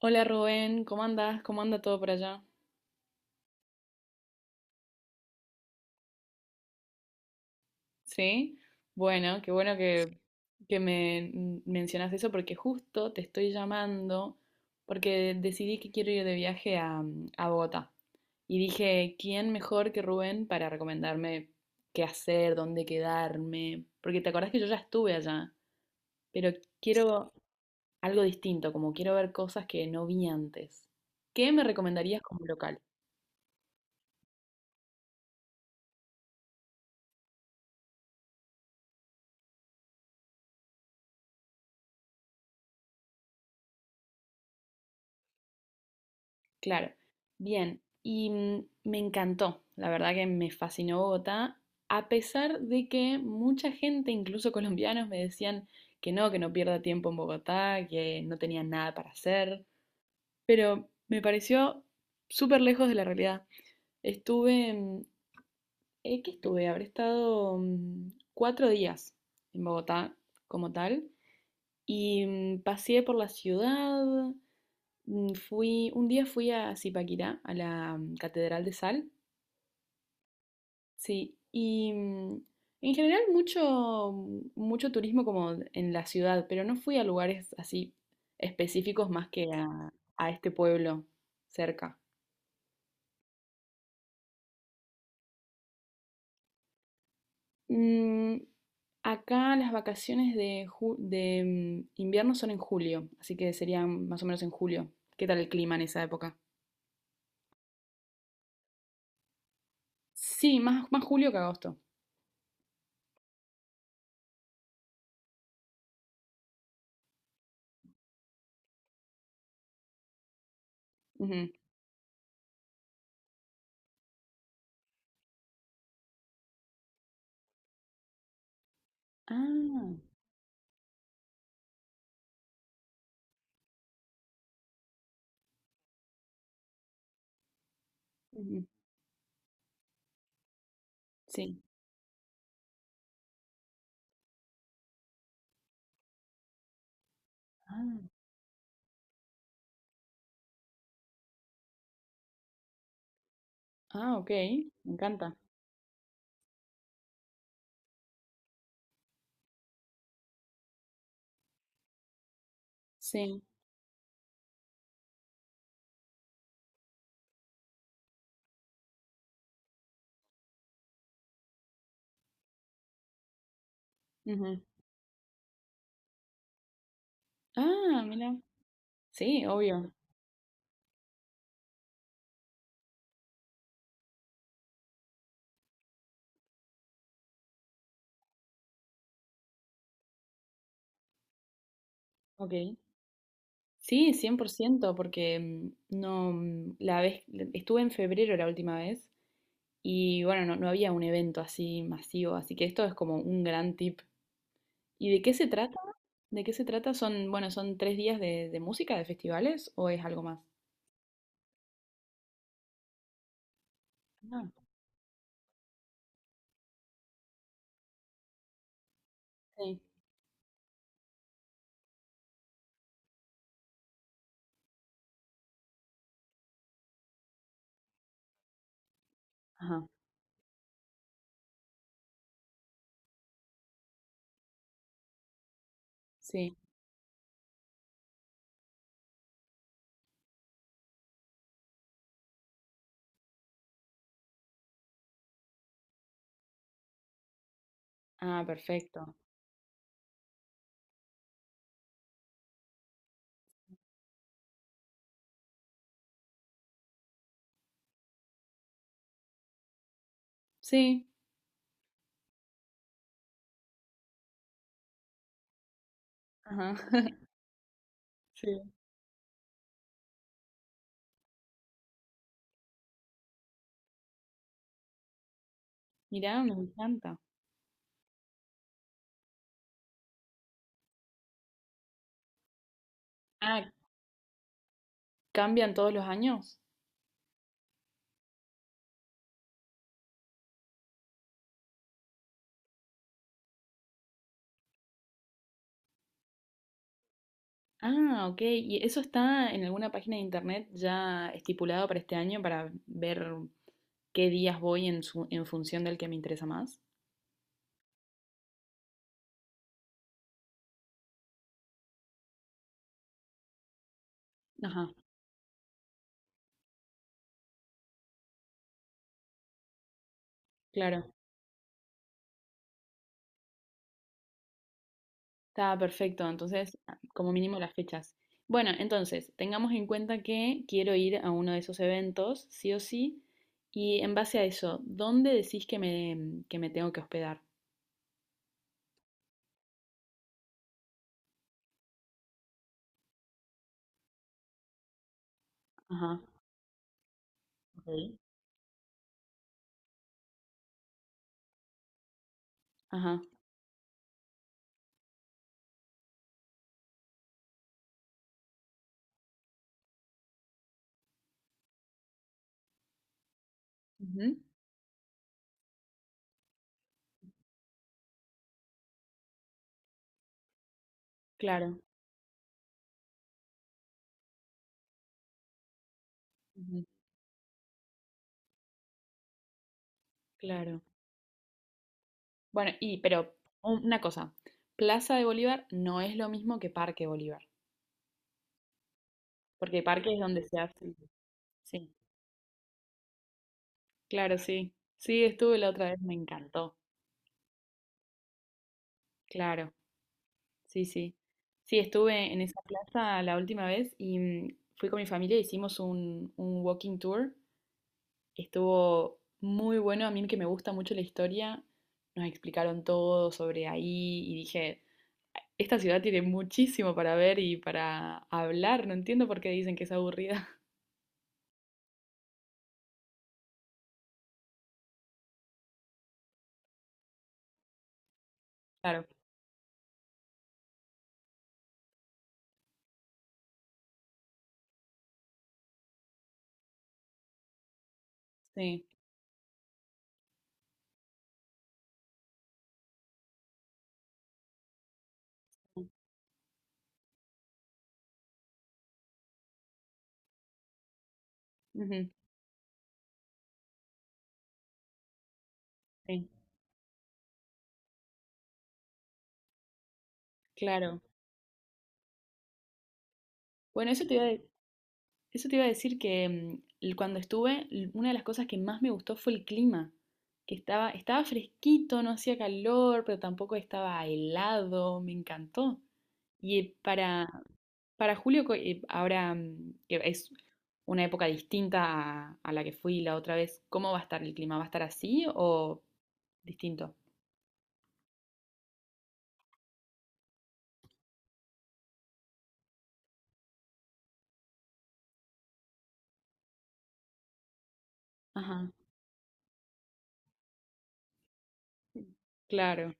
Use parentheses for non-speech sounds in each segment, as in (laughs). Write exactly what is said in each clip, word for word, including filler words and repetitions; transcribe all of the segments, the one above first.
Hola Rubén, ¿cómo andas? ¿Cómo anda todo por allá? ¿Sí? Bueno, qué bueno que, que me mm, mencionas eso porque justo te estoy llamando porque decidí que quiero ir de viaje a, mm, a Bogotá. Y dije, ¿quién mejor que Rubén para recomendarme qué hacer, dónde quedarme? Porque te acordás que yo ya estuve allá, pero quiero algo distinto, como quiero ver cosas que no vi antes. ¿Qué me recomendarías como local? Claro. Bien, y mm, me encantó, la verdad que me fascinó Bogotá, a pesar de que mucha gente, incluso (laughs) colombianos, me decían que no, que no pierda tiempo en Bogotá, que no tenía nada para hacer, pero me pareció súper lejos de la realidad. Estuve, mm, eh, ¿Qué estuve? Habré estado mm, cuatro días en Bogotá como tal, y mm, paseé por la ciudad. Mm, Fui, un día fui a Zipaquirá, a la mm, Catedral de Sal. Sí, y mm, en general mucho, mm, mucho turismo como en la ciudad, pero no fui a lugares así específicos más que a, a este pueblo cerca. Mm, Acá las vacaciones de, ju- de mm, invierno son en julio, así que serían más o menos en julio. ¿Qué tal el clima en esa época? Sí, más, más julio que agosto. Ujú. Ah, ujú, sí. Ah, ok, me encanta. Sí. Ujú. Ah, mira. Sí, obvio. Ok. Sí, cien por ciento, porque mm, no, mm, la vez, estuve en febrero la última vez y bueno, no, no había un evento así masivo, así que esto es como un gran tip. ¿Y de qué se trata? ¿De qué se trata? Son, bueno, son tres días de, de música, de festivales o es algo más? Ah, sí. Ajá, sí. Ah, perfecto. Sí. Ajá. (laughs) Sí. Mirá, me encanta. Ah, ¿cambian todos los años? Ah, ok. ¿Y eso está en alguna página de internet ya estipulado para este año para ver qué días voy en su- en función del que me interesa más? Ajá, claro. Está perfecto. Entonces, ah, como mínimo las fechas. Bueno, entonces, tengamos en cuenta que quiero ir a uno de esos eventos, sí o sí. Y en base a eso, ¿dónde decís que me, que me tengo que hospedar? Ajá, ok. Ajá. Ujú. Claro. Ujú. Claro. Bueno, y pero un- una cosa, Plaza de Bolívar no es lo mismo que Parque Bolívar, porque Parque es donde se hace. Sí, claro, sí. Sí, estuve la otra vez, me encantó. Claro, sí, sí. Sí, estuve en esa plaza la última vez y mm, fui con mi familia, hicimos un, un, walking tour. Estuvo muy bueno, a mí que me gusta mucho la historia, nos explicaron todo sobre ahí y dije, esta ciudad tiene muchísimo para ver y para hablar, no entiendo por qué dicen que es aburrida. Claro, sí. Ujú, sí, claro. Bueno, eso te iba a, de- eso te iba a decir que mm, l- cuando estuve, l- una de las cosas que más me gustó fue el clima, que estaba, estaba fresquito, no hacía calor, pero tampoco estaba helado, me encantó. Y eh, para, para julio, co- eh, ahora mm, que es una época distinta a, a la que fui la otra vez, ¿cómo va a estar el clima? ¿Va a estar así o distinto? Ajá. Claro,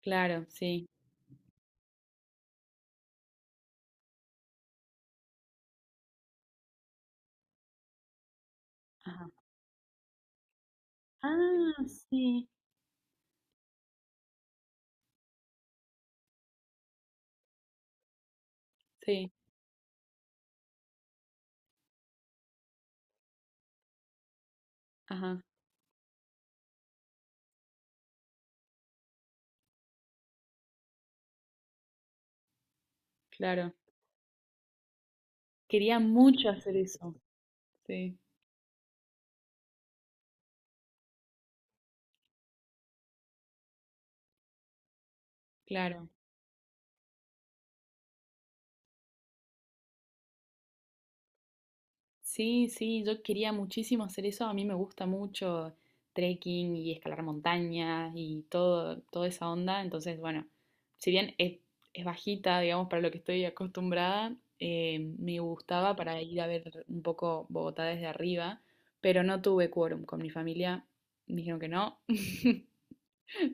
claro, sí. Ah, sí. Sí, ajá, claro. Quería mucho hacer eso. Sí, claro. Sí, sí, yo quería muchísimo hacer eso. A mí me gusta mucho trekking y escalar montañas y todo, toda esa onda. Entonces, bueno, si bien es, es bajita, digamos, para lo que estoy acostumbrada, eh, me gustaba para ir a ver un poco Bogotá desde arriba, pero no tuve quórum con mi familia. Dijeron que no, (laughs)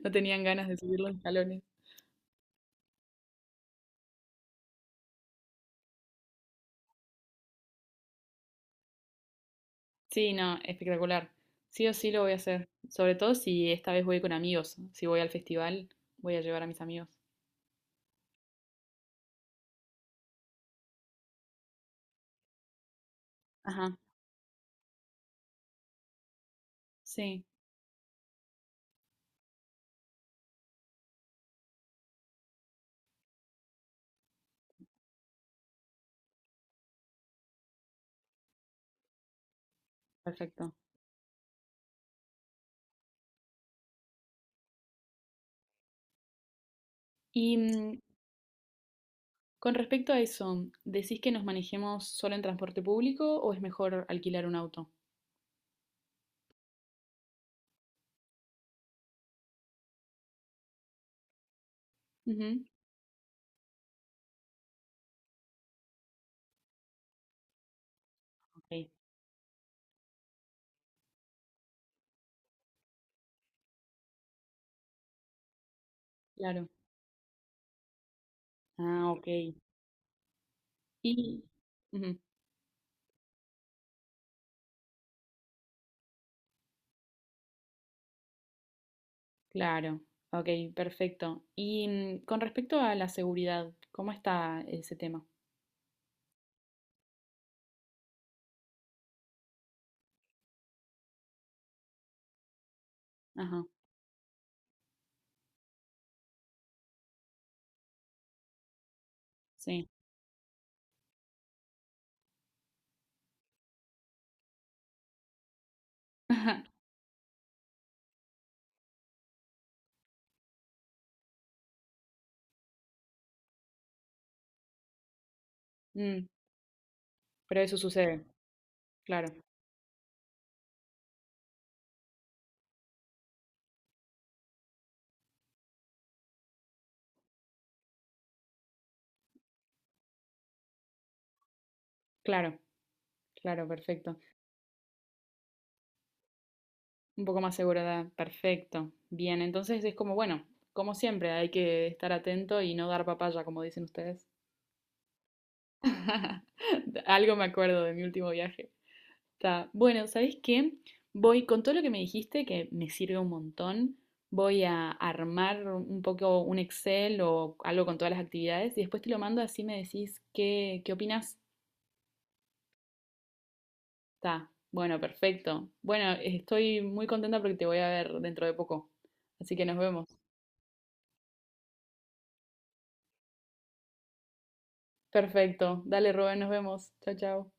no tenían ganas de subir los escalones. Sí, no, espectacular. Sí o sí lo voy a hacer. Sobre todo si esta vez voy con amigos. Si voy al festival, voy a llevar a mis amigos. Ajá, sí, perfecto. Y mm, con respecto a eso, ¿decís que nos manejemos solo en transporte público o es mejor alquilar un auto? Ujú. Ok, claro. Ah, ok. Y, ujú, claro, ok, perfecto. Y mm, con respecto a la seguridad, ¿cómo está ese tema? Ajá, sí. (laughs) Mm, pero eso sucede, claro. Claro, claro, perfecto. Un poco más segura, perfecto. Bien, entonces es como, bueno, como siempre, hay que estar atento y no dar papaya, como dicen ustedes. (laughs) Algo me acuerdo de mi último viaje. Está. Bueno, ¿sabéis qué? Voy con todo lo que me dijiste, que me sirve un montón. Voy a armar un poco un Excel o algo con todas las actividades y después te lo mando así me decís qué, qué opinas. Está, bueno, perfecto. Bueno, estoy muy contenta porque te voy a ver dentro de poco. Así que nos vemos. Perfecto. Dale, Rubén, nos vemos. Chao, chao.